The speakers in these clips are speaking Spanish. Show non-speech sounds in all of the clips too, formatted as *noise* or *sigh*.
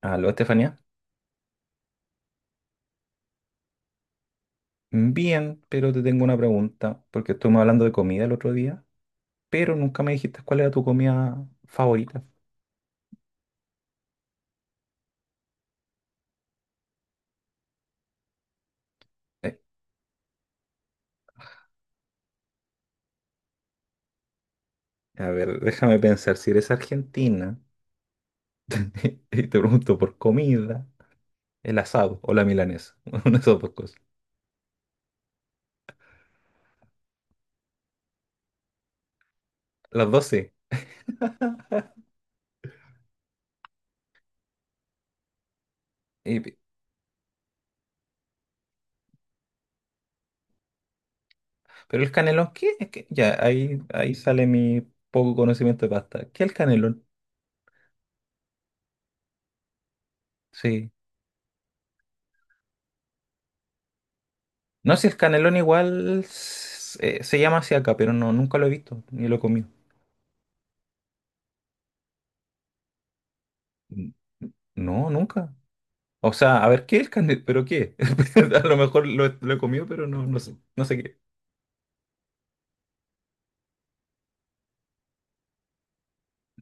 Aló, Estefanía. Bien, pero te tengo una pregunta, porque estuvimos hablando de comida el otro día, pero nunca me dijiste cuál era tu comida favorita. Eh, a ver, déjame pensar, si eres argentina *laughs* y te pregunto por comida, el asado o la milanesa, *laughs* una de esas dos cosas. Las dos sí. Y- pero el canelón, ¿qué? Es que ya, ahí sale mi poco conocimiento de pasta. ¿Qué es el canelón? Sí. No, si el canelón igual se llama así acá, pero no, nunca lo he visto ni lo he comido. N- No, nunca. O sea, a ver, ¿qué es el candido? ¿Pero qué? *laughs* A lo mejor he lo he comido, pero no, no sé qué.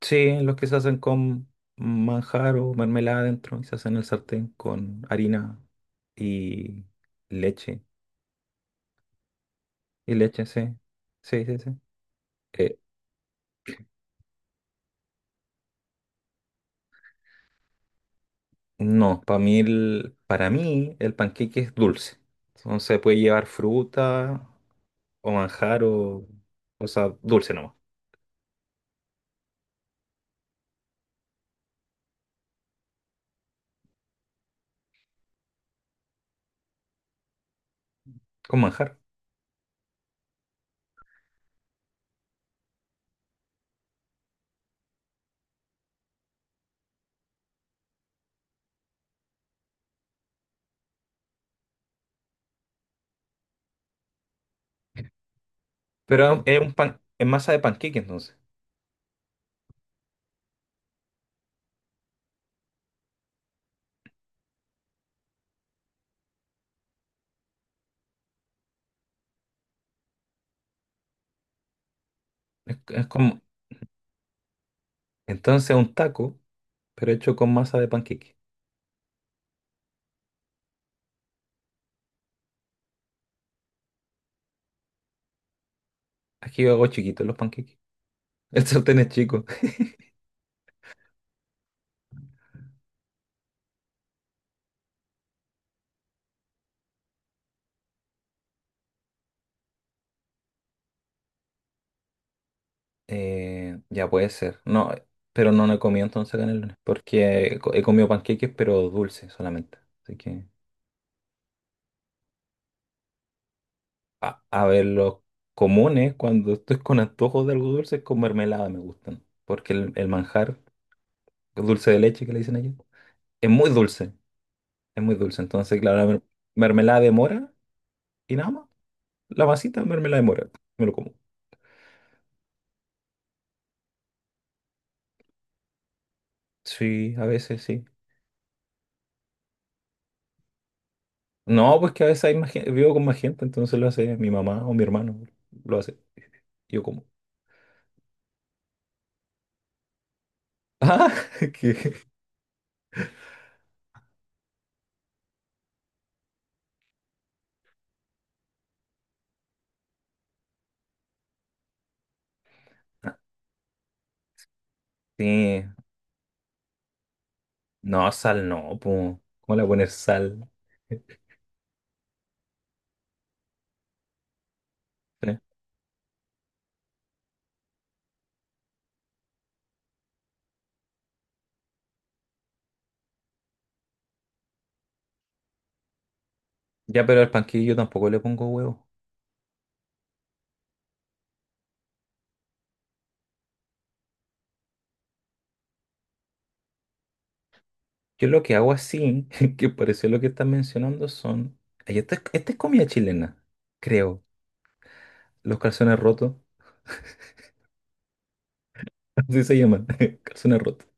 Sí, los que se hacen con manjar o mermelada adentro y se hacen en el sartén con harina y leche. Y leche, sí. Sí, sí, sí. Eh, no, para mí el, panqueque es dulce. Entonces puede llevar fruta o manjar o sea, dulce nomás, con manjar. Pero es masa de panqueque entonces. Es como, entonces un taco, pero hecho con masa de panqueque. Aquí yo hago chiquitos los panqueques. *laughs* El sartén es chico. Ya puede ser. No, pero no he comido entonces canelones. Porque he comido panqueques, pero dulces solamente. Así que, a ver, los comunes, cuando estoy con antojos de algo dulce, con mermelada me gustan. Porque el manjar, el dulce de leche que le dicen allá, es muy dulce. Es muy dulce. Entonces, claro, la mermelada de mora y nada más. La masita de mermelada de mora. Me lo como. Sí, a veces sí. No, pues que a veces hay más vivo con más gente, entonces lo hace mi mamá o mi hermano. Lo hace. Yo como. *laughs* Ah, ¿qué? Sí. No, sal no, pues. ¿Cómo le voy a poner sal? Sí. Ya, pero al panquillo yo tampoco le pongo huevo. Yo lo que hago así, *laughs* que pareció lo que estás mencionando, son. Ay, esta es comida chilena, creo. Los calzones rotos, *laughs* así se llaman. *laughs* Calzones rotos.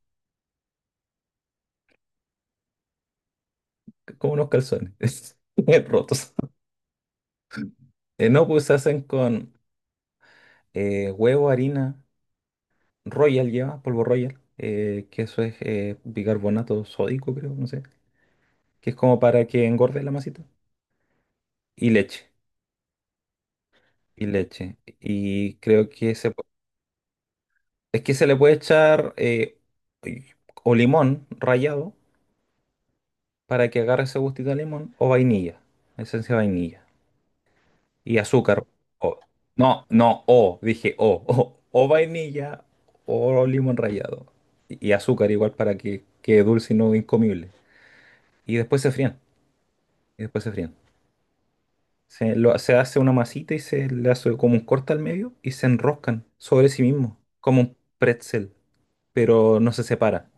Como unos calzones. *laughs* Rotos. No, pues se hacen con, huevo, harina, Royal lleva, polvo Royal, que eso es bicarbonato sódico, creo, no sé, que es como para que engorde la masita, y leche, y leche. Y creo que es que se le puede echar o limón rallado para que agarre ese gustito de limón, o vainilla, esencia de vainilla, y azúcar. o- no, no, o, dije o vainilla o limón rallado. Y azúcar igual para que quede dulce y no incomible. Y después se frían. Y después se frían. Se hace una masita y se le hace como un corte al medio y se enroscan sobre sí mismo, como un pretzel, pero no se separa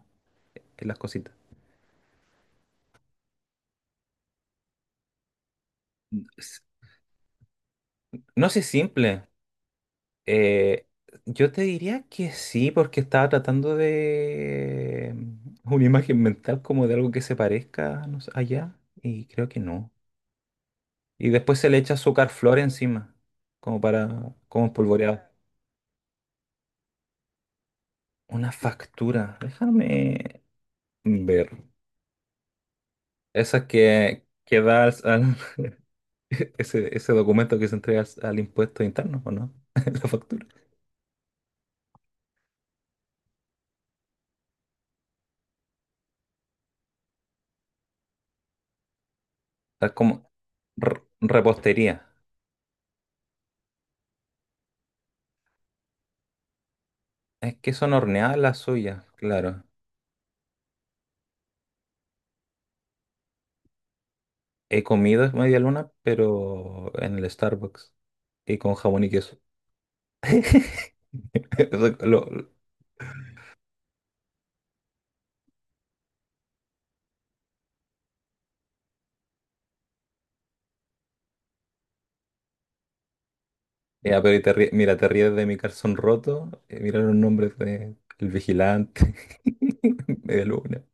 en las cositas. S- No sé, simple. Eh, yo te diría que sí, porque estaba tratando de una imagen mental como de algo que se parezca, no sé, allá, y creo que no. Y después se le echa azúcar flor encima, como espolvoreado. Una factura. Déjame ver. Esa que da *laughs* ese documento que se entrega al impuesto interno, ¿o no? *laughs* La factura. Es como repostería. Es que son horneadas las suyas, claro. He comido media luna, pero en el Starbucks. Y con jamón y queso. *laughs* Eso lo- lo- Ya, pero mira, te ríes de mi calzón roto. Mira los nombres de El Vigilante. *laughs* Media luna.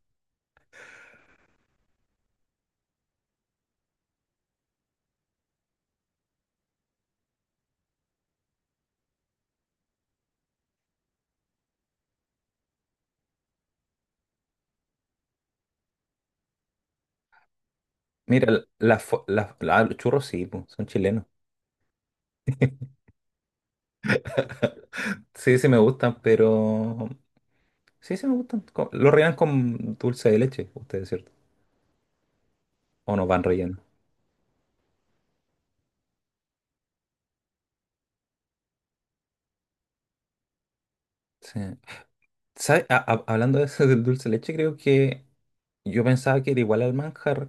Mira, las la, fo- la- la- los churros sí, po, son chilenos. Sí, sí me gustan, pero... Sí, sí me gustan. Lo rellenan con dulce de leche, ustedes, ¿cierto? O no van relleno. Sí. ¿Sabe? Hablando de eso del dulce de leche, creo que yo pensaba que era igual al manjar,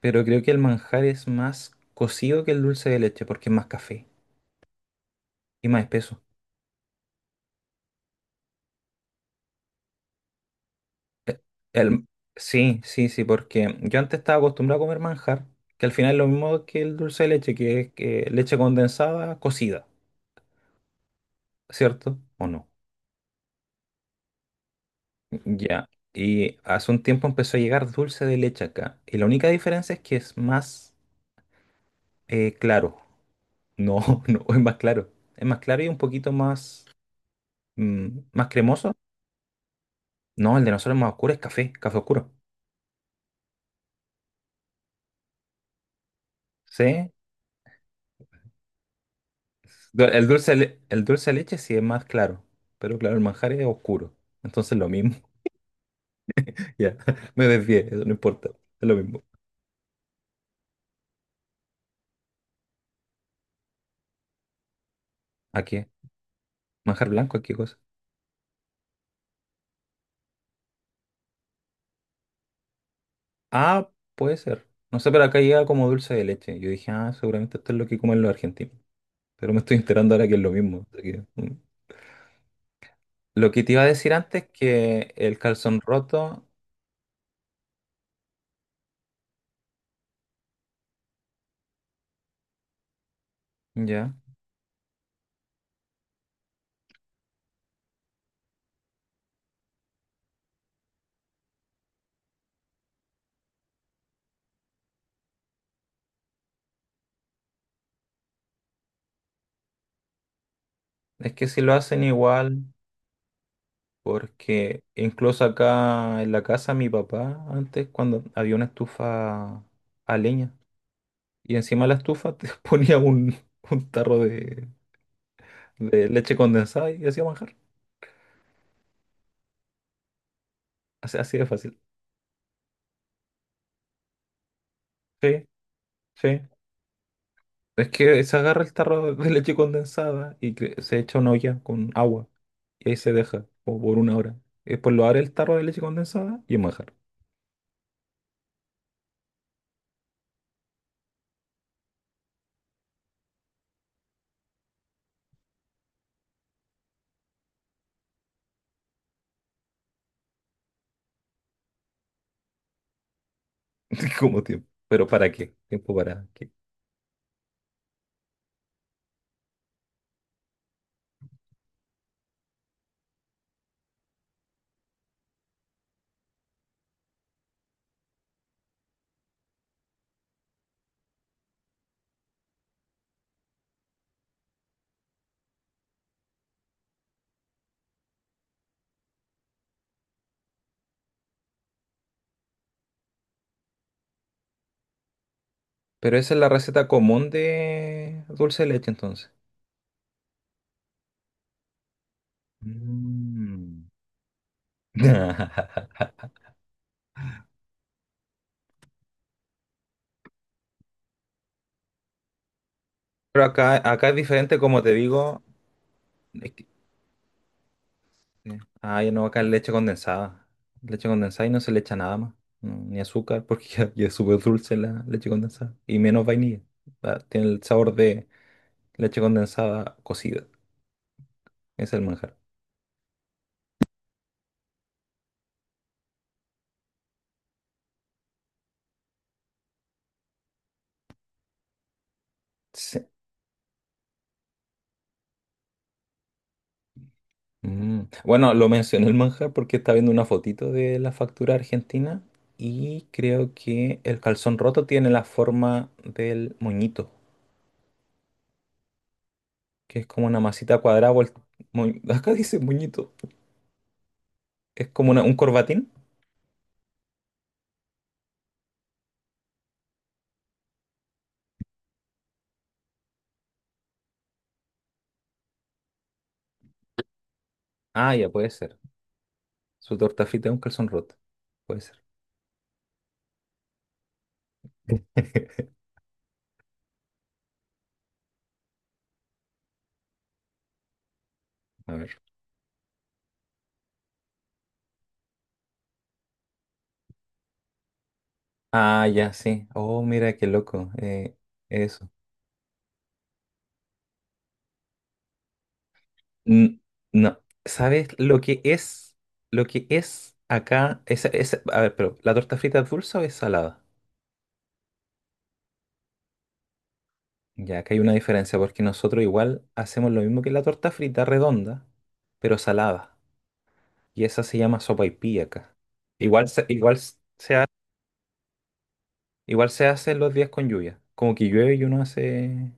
pero creo que el manjar es más cocido que el dulce de leche porque es más café y más espeso. El... Sí, sí, sí, porque yo antes estaba acostumbrado a comer manjar, que al final es lo mismo que el dulce de leche, que es que leche condensada cocida, ¿cierto? ¿O no? Ya. Y hace un tiempo empezó a llegar dulce de leche acá. Y la única diferencia es que es más claro. No, *laughs* no, es más claro. Es más claro y un poquito más cremoso. No, el de nosotros es más oscuro, es café, café oscuro. Sí. El dulce, el dulce de leche sí es más claro. Pero claro, el manjar es oscuro. Entonces lo mismo. *laughs* Ya, me desvié, eso no importa. Es lo mismo. ¿A qué? ¿Manjar blanco? ¿A qué cosa? Ah, puede ser. No sé, pero acá llega como dulce de leche. Yo dije, ah, seguramente esto es lo que comen los argentinos. Pero me estoy enterando ahora que es lo mismo. Así que, mm. Lo que te iba a decir antes es que el calzón roto, ya, es que si lo hacen igual, porque incluso acá en la casa mi papá, antes cuando había una estufa a leña, y encima de la estufa te *laughs* ponía un, tarro de leche condensada y hacía manjar. Así, así de fácil. Sí, sí. Es que se agarra el tarro de leche condensada y se echa una olla con agua. Y ahí se deja, como por una hora. Y después lo abre el tarro de leche condensada y es manjar. *laughs* Como tiempo. Pero ¿para qué? Tiempo para qué. Pero esa es la receta común de dulce de leche entonces. Mm. *laughs* Pero acá es diferente, como te digo. Es Sí. Ah, yo no, acá es leche condensada. Leche condensada y no se le echa nada más. No, ni azúcar, *laughs* porque ya es súper dulce la leche condensada. Y menos vainilla. Ah, tiene el sabor de leche condensada cocida. Es el manjar. Sí. Mm. Bueno, lo mencioné el manjar porque estaba viendo una fotito de la factura argentina y creo que el calzón roto tiene la forma del moñito, que es como una masita cuadrada. *laughs* Acá dice moñito. Es como un corbatín. Ah, ya puede ser. Su torta frita es un calzón roto. Puede ser. *laughs* A ver. Ah, ya, sí. Oh, mira, qué loco. Eso. N- no. ¿Sabes lo que es? Lo que es acá. A ver, pero ¿la torta frita es dulce o es salada? Ya, acá hay una diferencia porque nosotros igual hacemos lo mismo que la torta frita redonda, pero salada. Y esa se llama sopaipilla acá. Igual se, igual se, ha- igual se hace los días con lluvia. Como que llueve y uno hace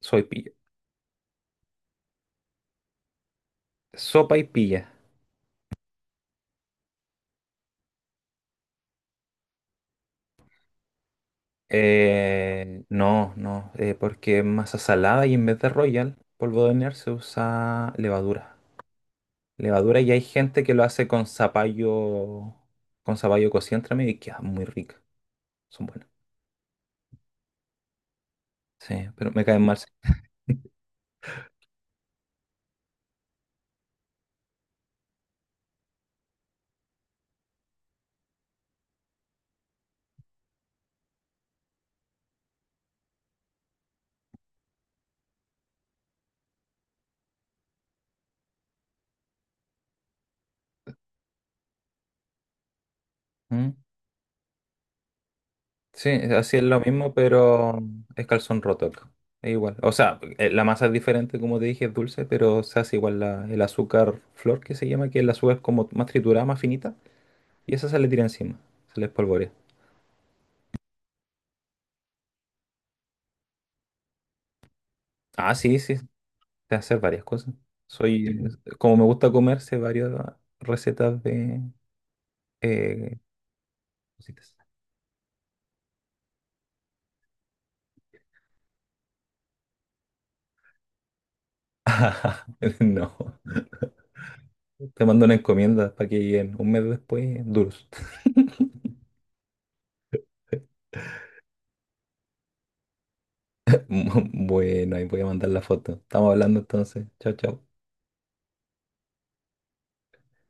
sopaipilla. Sopa y pilla. No, no, porque es masa salada y en vez de Royal, polvo de hornear, se usa levadura. Levadura y hay gente que lo hace con zapallo cocido entre medio y queda muy rica. Son buenas. Sí, pero me caen mal. Sí. ¿Mm? Sí, así es lo mismo, pero es calzón roto acá. Es igual. O sea, la masa es diferente, como te dije, es dulce, pero se hace igual el azúcar flor que se llama, que el azúcar es como más triturada, más finita, y esa se le tira encima, se le espolvorea. Ah, sí, sí, de hacer varias cosas. Soy, como me gusta comer, sé varias recetas de eh, cositas. *laughs* No, te mando una encomienda para que lleguen un mes después duros. *laughs* Bueno, ahí voy a mandar la foto. Estamos hablando entonces. Chao, chao.